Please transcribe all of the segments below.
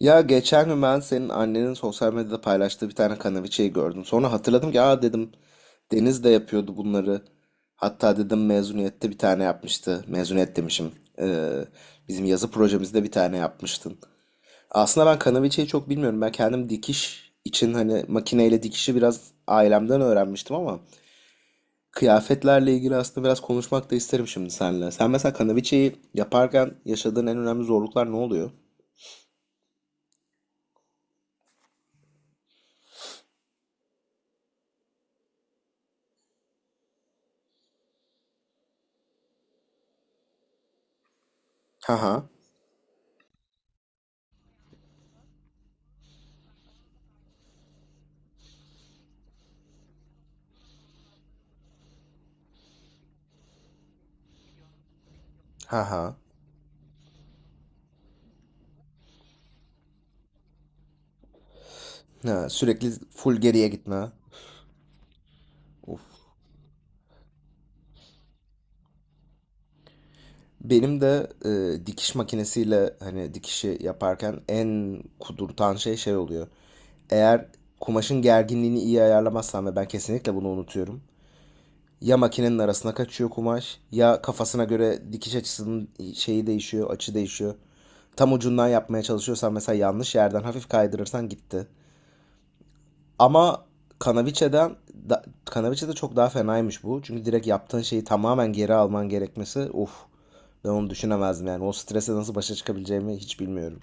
Ya geçen gün ben senin annenin sosyal medyada paylaştığı bir tane kanaviçeyi gördüm. Sonra hatırladım ki aa dedim Deniz de yapıyordu bunları. Hatta dedim mezuniyette bir tane yapmıştı. Mezuniyet demişim. Ee, bizim yazı projemizde bir tane yapmıştın. Aslında ben kanaviçeyi çok bilmiyorum. Ben kendim dikiş için hani makineyle dikişi biraz ailemden öğrenmiştim ama kıyafetlerle ilgili aslında biraz konuşmak da isterim şimdi seninle. Sen mesela kanaviçeyi yaparken yaşadığın en önemli zorluklar ne oluyor? Ha ha. Ha ha. Ha, sürekli full geriye gitme. Of. Benim de dikiş makinesiyle hani dikişi yaparken en kudurtan şey şey oluyor. Eğer kumaşın gerginliğini iyi ayarlamazsam ve ben kesinlikle bunu unutuyorum. Ya makinenin arasına kaçıyor kumaş ya kafasına göre dikiş açısının şeyi değişiyor, açı değişiyor. Tam ucundan yapmaya çalışıyorsan mesela yanlış yerden hafif kaydırırsan gitti. Ama Kanaviçe'den Kanaviçe'de çok daha fenaymış bu. Çünkü direkt yaptığın şeyi tamamen geri alman gerekmesi of. Ben onu düşünemezdim yani. O strese nasıl başa çıkabileceğimi hiç bilmiyorum.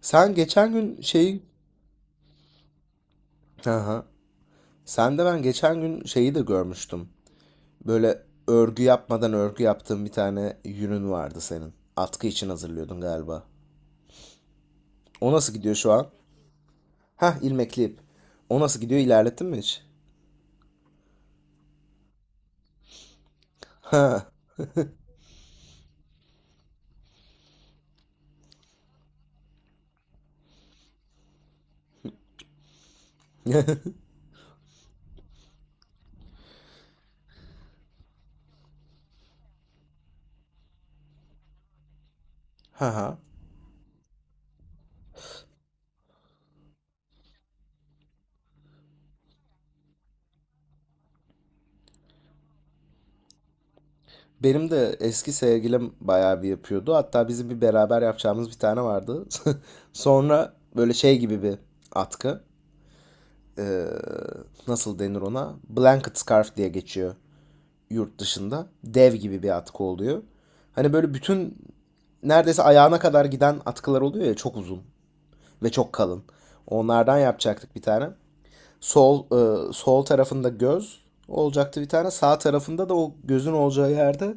Sen geçen gün şeyi... Aha. Sen de ben geçen gün şeyi de görmüştüm. Böyle örgü yapmadan örgü yaptığın bir tane yünün vardı senin. Atkı için hazırlıyordun galiba. O nasıl gidiyor şu an? Hah, ilmekli ip. O nasıl gidiyor, ilerlettin mi hiç? Ha. Ha ha. Benim de eski sevgilim bayağı bir yapıyordu. Hatta bizim bir beraber yapacağımız bir tane vardı. Sonra böyle şey gibi bir atkı. Ee, nasıl denir ona? Blanket scarf diye geçiyor yurt dışında. Dev gibi bir atkı oluyor. Hani böyle bütün neredeyse ayağına kadar giden atkılar oluyor ya, çok uzun ve çok kalın. Onlardan yapacaktık bir tane. Sol sol tarafında göz olacaktı bir tane. Sağ tarafında da o gözün olacağı yerde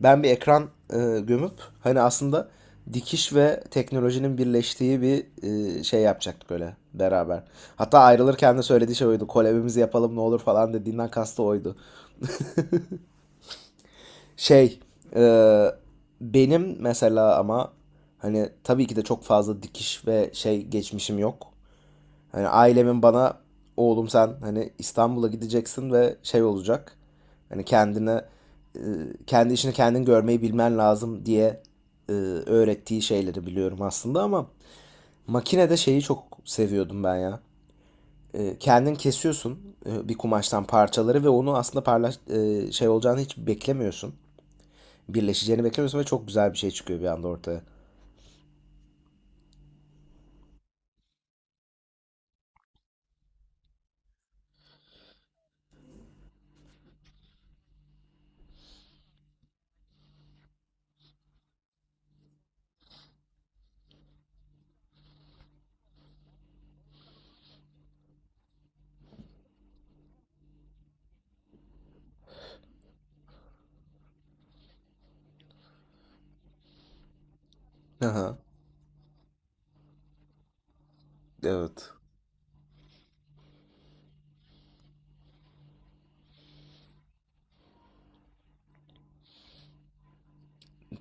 ben bir ekran gömüp hani aslında dikiş ve teknolojinin birleştiği bir şey yapacaktık öyle beraber. Hatta ayrılırken de söylediği şey oydu. Kolabimizi yapalım ne olur falan dediğinden kastı oydu. Şey e, benim mesela ama hani tabii ki de çok fazla dikiş ve şey geçmişim yok. Hani ailemin bana oğlum sen hani İstanbul'a gideceksin ve şey olacak. Hani kendine e, kendi işini kendin görmeyi bilmen lazım diye öğrettiği şeyleri biliyorum aslında ama makinede şeyi çok seviyordum ben ya. Kendin kesiyorsun bir kumaştan parçaları ve onu aslında parlaş şey olacağını hiç beklemiyorsun. Birleşeceğini beklemiyorsun ve çok güzel bir şey çıkıyor bir anda ortaya. Aha, evet.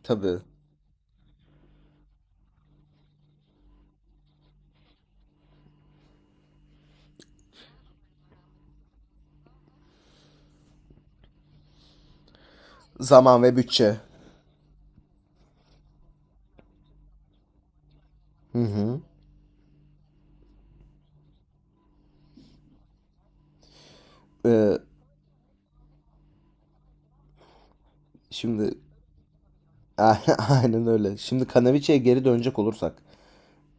Tabii. Zaman ve bütçe. Hı hı. Ee, şimdi aynen aynen öyle. Şimdi Kanaviçe'ye geri dönecek olursak,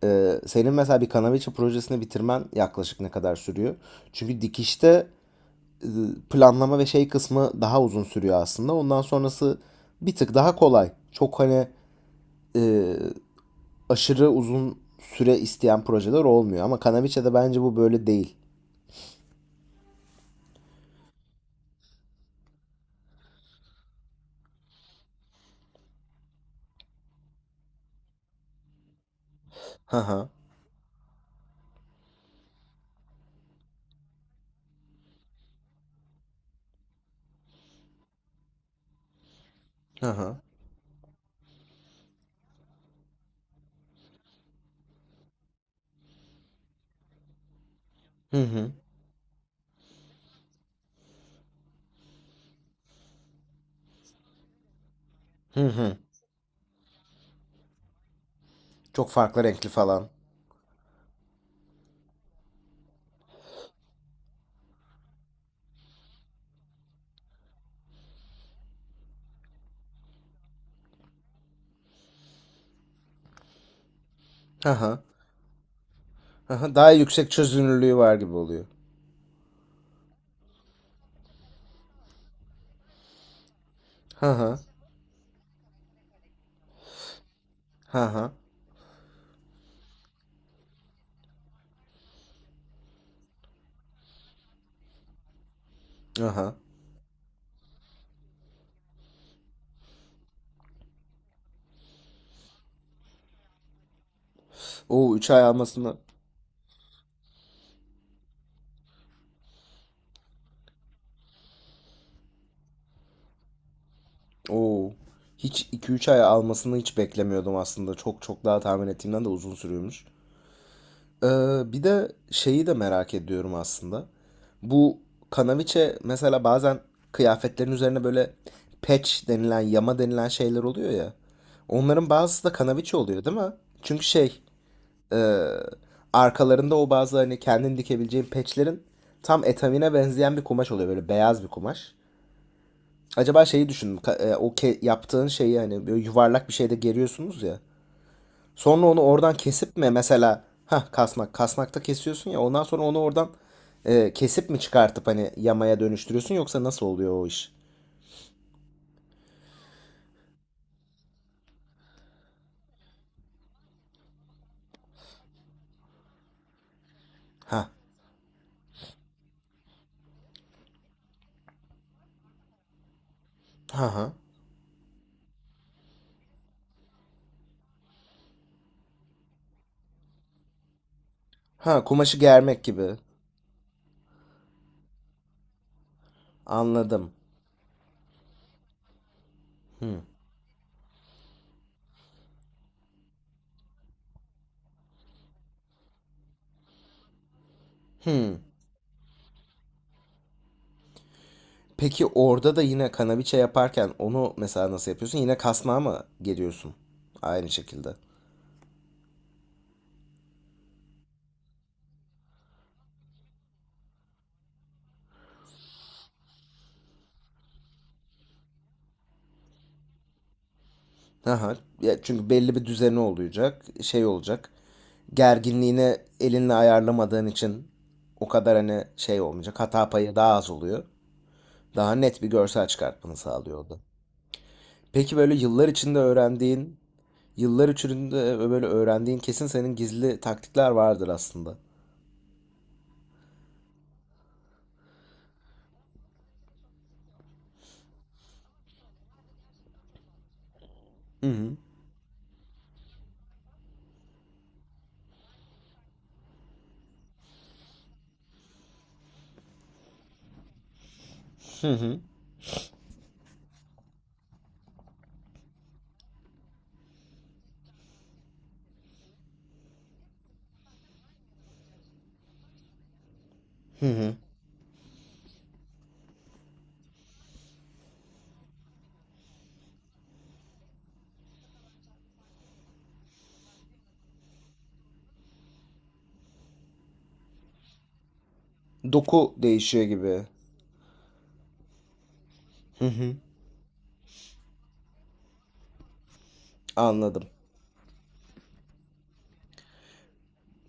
senin mesela bir Kanaviçe projesini bitirmen yaklaşık ne kadar sürüyor? Çünkü dikişte e, planlama ve şey kısmı daha uzun sürüyor aslında. Ondan sonrası bir tık daha kolay. Çok hani e, aşırı uzun süre isteyen projeler olmuyor. Ama Kanaviçe'de bence bu böyle değil. Hı hı. Hı hı. Hı hı. Hı hı. Çok farklı renkli falan. Hı hı. Hı hı. Daha yüksek çözünürlüğü var gibi oluyor. Hı hı. Hı hı. Aha. O 3 ay almasını o hiç iki üç ay almasını hiç beklemiyordum aslında. Çok çok daha tahmin ettiğimden de uzun sürüyormuş. Bir de şeyi de merak ediyorum aslında. Bu kanaviçe mesela bazen kıyafetlerin üzerine böyle patch denilen, yama denilen şeyler oluyor ya. Onların bazısı da kanaviçe oluyor değil mi? Çünkü şey arkalarında o bazı hani kendin dikebileceğin patchlerin tam etamine benzeyen bir kumaş oluyor. Böyle beyaz bir kumaş. Acaba şeyi düşün. O yaptığın şeyi hani böyle yuvarlak bir şeyde geriyorsunuz ya. Sonra onu oradan kesip mi mesela, ha kasnak, kasnakta kesiyorsun ya ondan sonra onu oradan kesip mi çıkartıp hani yamaya dönüştürüyorsun yoksa nasıl oluyor o iş? Ha. Ha ha. Ha, kumaşı germek gibi. Anladım. Hmm. Peki orada da yine kanaviçe yaparken onu mesela nasıl yapıyorsun? Yine kasnağa mı geriyorsun? Aynı şekilde. Aha. Ya çünkü belli bir düzeni olacak, şey olacak. Gerginliğini elinle ayarlamadığın için o kadar hani şey olmayacak. Hata payı daha az oluyor. Daha net bir görsel çıkartmanı sağlıyor o da. Peki böyle yıllar içinde böyle öğrendiğin kesin senin gizli taktikler vardır aslında. Hı hı. Doku değişiyor gibi. Anladım.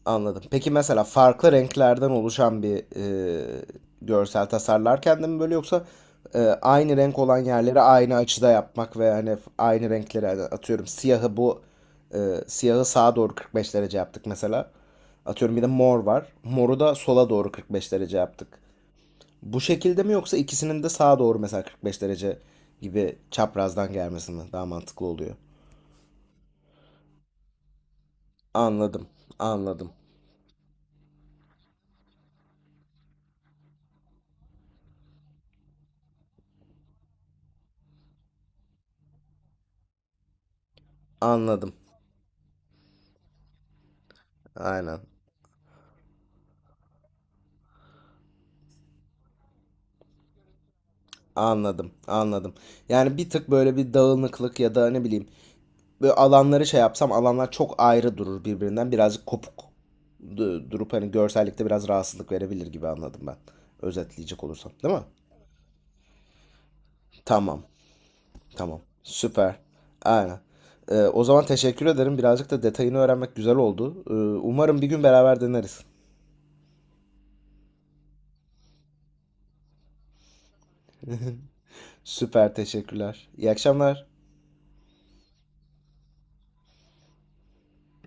Anladım. Peki mesela farklı renklerden oluşan bir e, görsel tasarlarken de mi böyle yoksa aynı renk olan yerleri aynı açıda yapmak ve hani aynı renkleri hani atıyorum e, siyahı sağa doğru 45 derece yaptık mesela. Atıyorum bir de mor var. Moru da sola doğru 45 derece yaptık. Bu şekilde mi yoksa ikisinin de sağa doğru mesela 45 derece gibi çaprazdan gelmesi mi daha mantıklı oluyor? Anladım. Anladım. Anladım. Aynen. Anladım, anladım. Yani bir tık böyle bir dağınıklık ya da ne bileyim böyle alanları şey yapsam alanlar çok ayrı durur birbirinden birazcık kopuk durup hani görsellikte biraz rahatsızlık verebilir gibi anladım ben. Özetleyecek olursam, değil mi? Tamam, tamam. Süper. Aynen. O zaman teşekkür ederim. Birazcık da detayını öğrenmek güzel oldu. Umarım bir gün beraber deneriz. Süper, teşekkürler. İyi akşamlar.